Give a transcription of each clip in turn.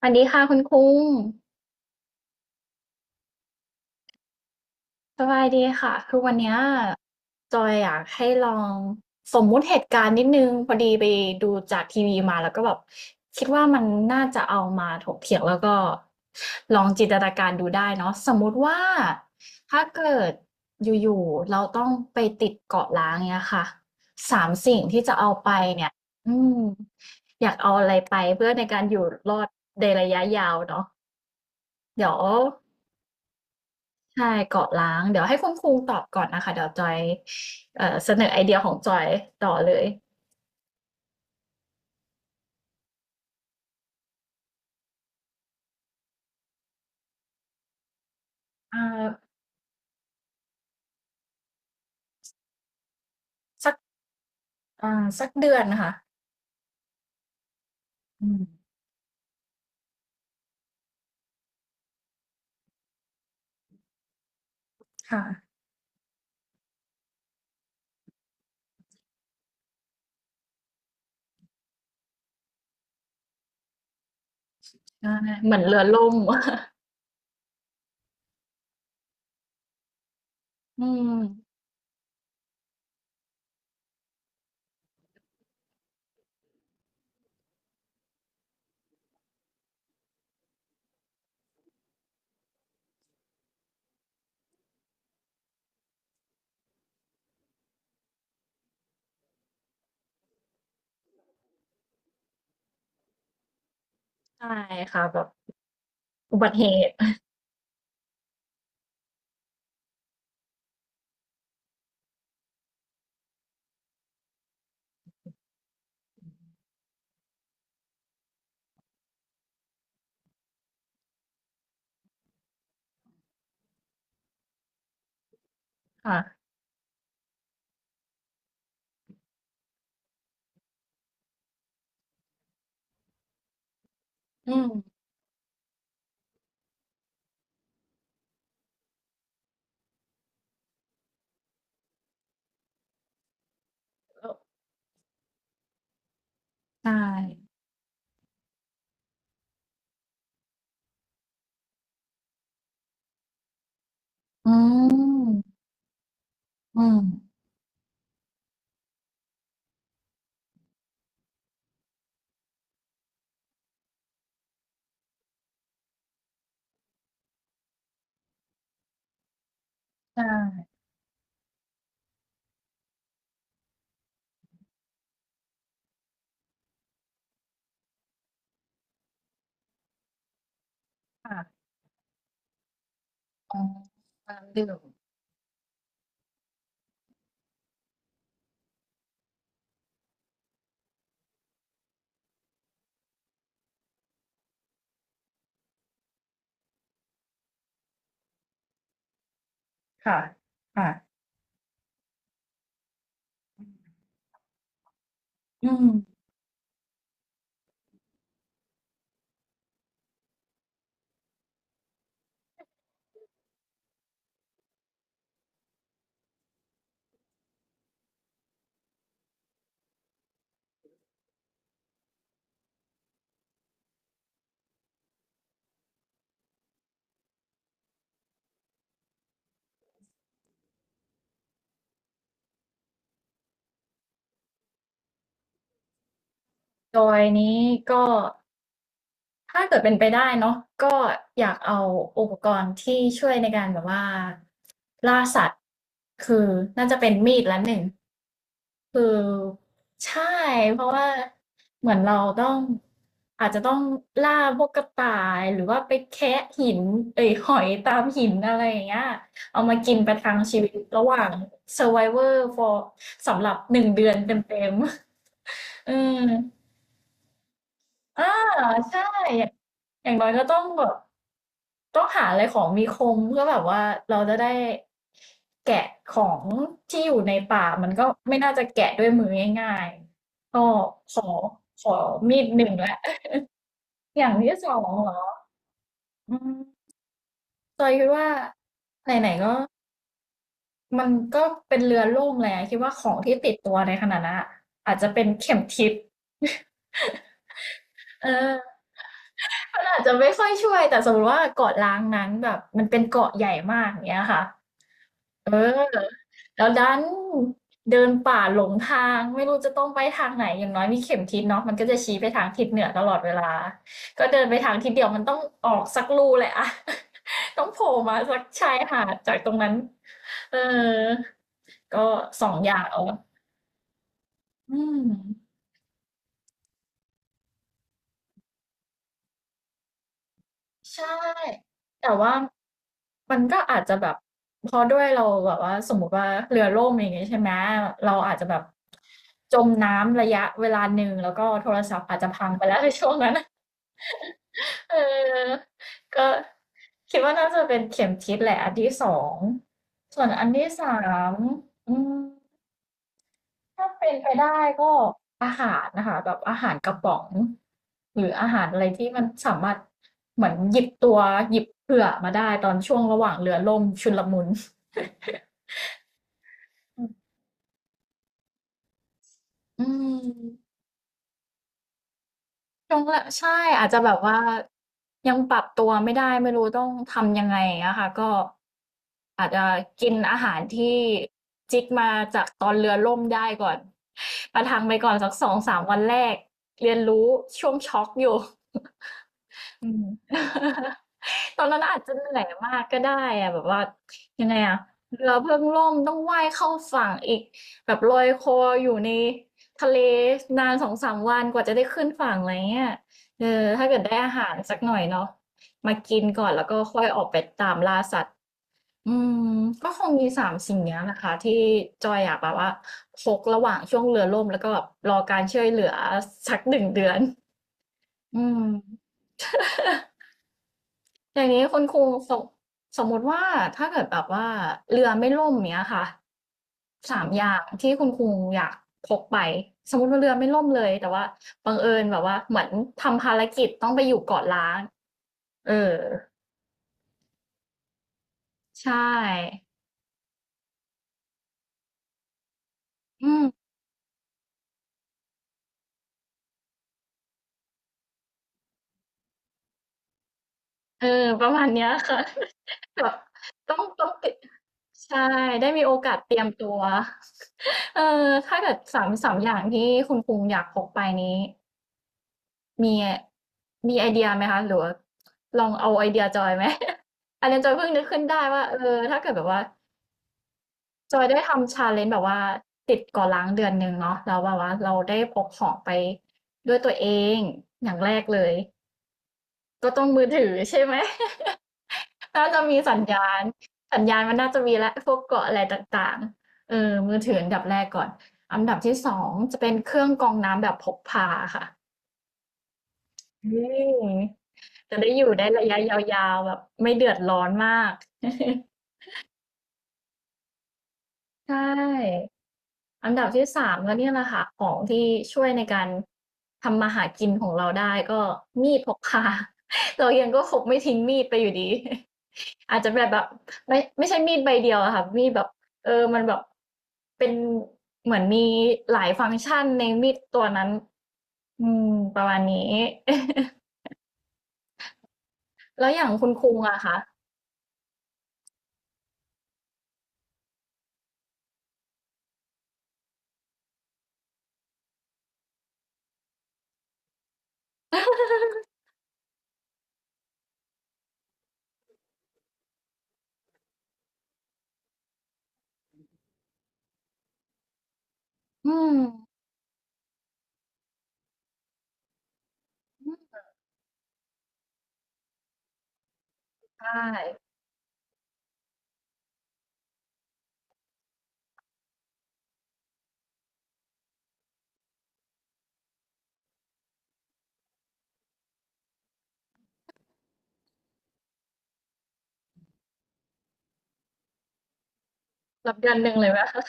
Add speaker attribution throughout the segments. Speaker 1: สวัสดีค่ะคุณคุ้งสบายดีค่ะคือวันเนี้ยจอยอยากให้ลองสมมุติเหตุการณ์นิดนึงพอดีไปดูจากทีวีมาแล้วก็แบบคิดว่ามันน่าจะเอามาถกเถียงแล้วก็ลองจินตนาการดูได้เนาะสมมุติว่าถ้าเกิดอยู่ๆเราต้องไปติดเกาะล้างเนี่ยค่ะสามสิ่งที่จะเอาไปเนี่ยอืมอยากเอาอะไรไปเพื่อในการอยู่รอดในระยะยาวเนาะเดี๋ยว ใช่เกาะล้างเดี๋ยวให้คุณครูตอบก่อนนะคะเดี๋ยวจอยเสนอไอเดียของจอยต่อเลยอ่าสักอ่าสักเดือนค่ะอืมค่ะใช่เหมือนเรือล่ม อืมใช่ค่ะแบบอุบัติเหตุ ค่ะอืมแล้วใช่อืมอืมใช่ค่ะอ๋อน้ำดื่มค่ะค่ะอืมจอยนี้ก็ ถ้าเกิดเป็นไปได้เนาะก็อยากเอาอุปกรณ์ที่ช่วยในการแบบว่าล่าสัตว์คือน่าจะเป็นมีดละหนึ่งคือใช่เพราะว่าเหมือนเราต้องอาจจะต้องล่าพวกกระต่ายหรือว่าไปแคะหินเอ้ยหอยตามหินอะไรอย่างเงี้ยเอามากินประทังชีวิตระหว่าง Survivor for สำหรับหนึ่งเดือนเต็มๆ อืม อาใช่อย่างอย่างน้อยก็ต้องแบบต้องหาอะไรของมีคมเพื่อแบบว่าเราจะได้แกะของที่อยู่ในป่ามันก็ไม่น่าจะแกะด้วยมือง่ายๆก็ขอขอมีดหนึ่งแล้วอย่างที่สองเหรออืมจอยคิดว่าไหนๆก็มันก็เป็นเรือล่มแล้วคิดว่าของที่ติดตัวในขณะนั้นอะอาจจะเป็นเข็มทิศ เออ มันอาจจะไม่ค่อยช่วยแต่สมมุติว่าเกาะล้างนั้นแบบมันเป็นเกาะใหญ่มากอย่างเงี้ยค่ะเออแล้วดันเดินป่าหลงทางไม่รู้จะต้องไปทางไหนอย่างน้อยมีเข็มทิศเนาะมันก็จะชี้ไปทางทิศเหนือตลอดเวลาก็เดินไปทางทิศเดียวมันต้องออกสักลูแหละอะ ต้องโผล่มาสักชายหาดจากตรงนั้นเออก็สองอย่างเอาอืม ใช่แต่ว่ามันก็อาจจะแบบพอด้วยเราแบบว่าสมมติว่าเรือล่มอย่างเงี้ยใช่ไหมเราอาจจะแบบจมน้ำระยะเวลาหนึ่งแล้วก็โทรศัพท์อาจจะพังไปแล้ว ในช่วงนั้นเออก็คิดว่าน่าจะเป็นเข็มทิศแหละอันที่สองส่วนอันที่สามอืม ถ้าเป็นไปได้ก็อาหารนะคะแบบอาหารกระป๋องหรืออาหารอะไรที่มันสามารถเหมือนหยิบเผื่อมาได้ตอนช่วงระหว่างเรือล่มชุลมุนอืมช่วงแรกใช่อาจจะแบบว่ายังปรับตัวไม่ได้ไม่รู้ต้องทำยังไงอะค่ะก็อาจจะกินอาหารที่จิกมาจากตอนเรือล่มได้ก่อน ประทังไปก่อนสักสองสามวันแรกเรียนรู้ช่วงช็อกอยู่ อืม ตอนนั้นอาจจะเหนื่อยมากก็ได้อะแบบว่ายังไงอะเรือเพิ่งล่มต้องว่ายเข้าฝั่งอีกแบบลอยคออยู่ในทะเลนานสองสามวันกว่าจะได้ขึ้นฝั่งอะไรเงี้ยเออถ้าเกิดได้อาหารสักหน่อยเนาะมากินก่อนแล้วก็ค่อยออกไปตามล่าสัตว์อืมก็คงมีสามสิ่งเนี้ยนะคะที่จอยอยากแบบว่าพกระหว่างช่วงเรือล่มแล้วก็แบบรอการช่วยเหลือสักหนึ่งเดือนอืม อย่างนี้คุณครูสมสมมติว่าถ้าเกิดแบบว่าเรือไม่ล่มเนี้ยค่ะสามอย่างที่คุณครูอยากพกไปสมมติว่าเรือไม่ล่มเลยแต่ว่าบังเอิญแบบว่าเหมือนทำภารกิจต้องไปอยู่เกาะล้างเออใช่อืมเออประมาณเนี้ยค่ะ แบบต้องติดใช่ได้มีโอกาสเตรียมตัว เออถ้าเกิดสามอย่างที่คุณครูอยากพกไปนี้ มีมีไอเดียไหมคะหรือว่าลองเอาไอเดียจอยไหม อันนี้จอยเพิ่งนึกขึ้นได้ว่าเออถ้าเกิดแบบว่าจอยได้ทำชาเลน e n แบบว่าติดก่อล้างเดือนหนึ่งเนาะแล้วแบบว่าเราได้พกของไปด้วยตัวเองอย่างแรกเลยก็ต้องมือถือใช่ไหม น่าจะมีสัญญาณสัญญาณมันน่าจะมีและพวกเกาะอะไรต่างๆเออมือถืออันดับแรกก่อนอันดับที่สองจะเป็นเครื่องกรองน้ำแบบพกพาค่ะ อืมจะได้อยู่ได้ระยะยาวๆแบบไม่เดือดร้อนมาก ใช่อันดับที่สามก็เนี่ยแหละค่ะของที่ช่วยในการทำมาหากินของเราได้ก็มีดพกพา เรายังก็คงไม่ทิ้งมีดไปอยู่ดี อาจจะแบบไม่ใช่มีดใบเดียวอะค่ะมีดแบบเออมันแบบเป็นเหมือนมีหลายฟังก์ชันในมีดตัวนั้นอืมประมาณนี้ แล้วอย่างคุณคุงอะคะอืม ใช่รับเดือนหนึ่งเลยไหม คะ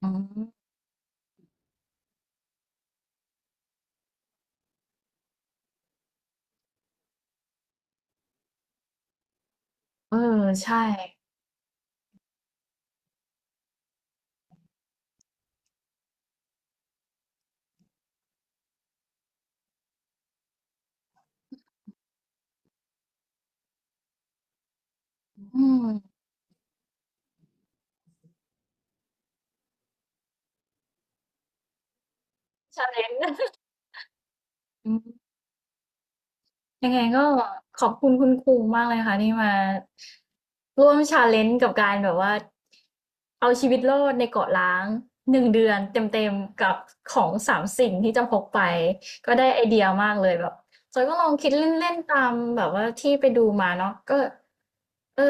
Speaker 1: อ๋อเออ ใช่อืมชาเลนจ์ ยังไงก็ขอบคุณคุณครูมากเลยค่ะที่มาร่วมชาเลนจ์กับการแบบว่าเอาชีวิตรอดในเกาะล้างหนึ่งเดือนเต็มๆกับของสามสิ่งที่จะพกไปก็ได้ไอเดียมากเลยแบบจอยก็ลองคิดเล่นๆตามแบบว่าที่ไปดูมาเนาะก็เออ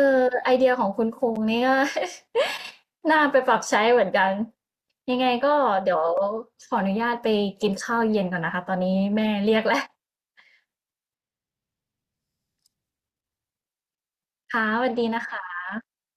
Speaker 1: ไอเดียของคุณครูนี่ก็ น่าไปปรับใช้เหมือนกันยังไงก็เดี๋ยวขออนุญาตไปกินข้าวเย็นก่อนนะคะตอนนี้แม่เรียกแล้วค่ะสวัสดีนะคะ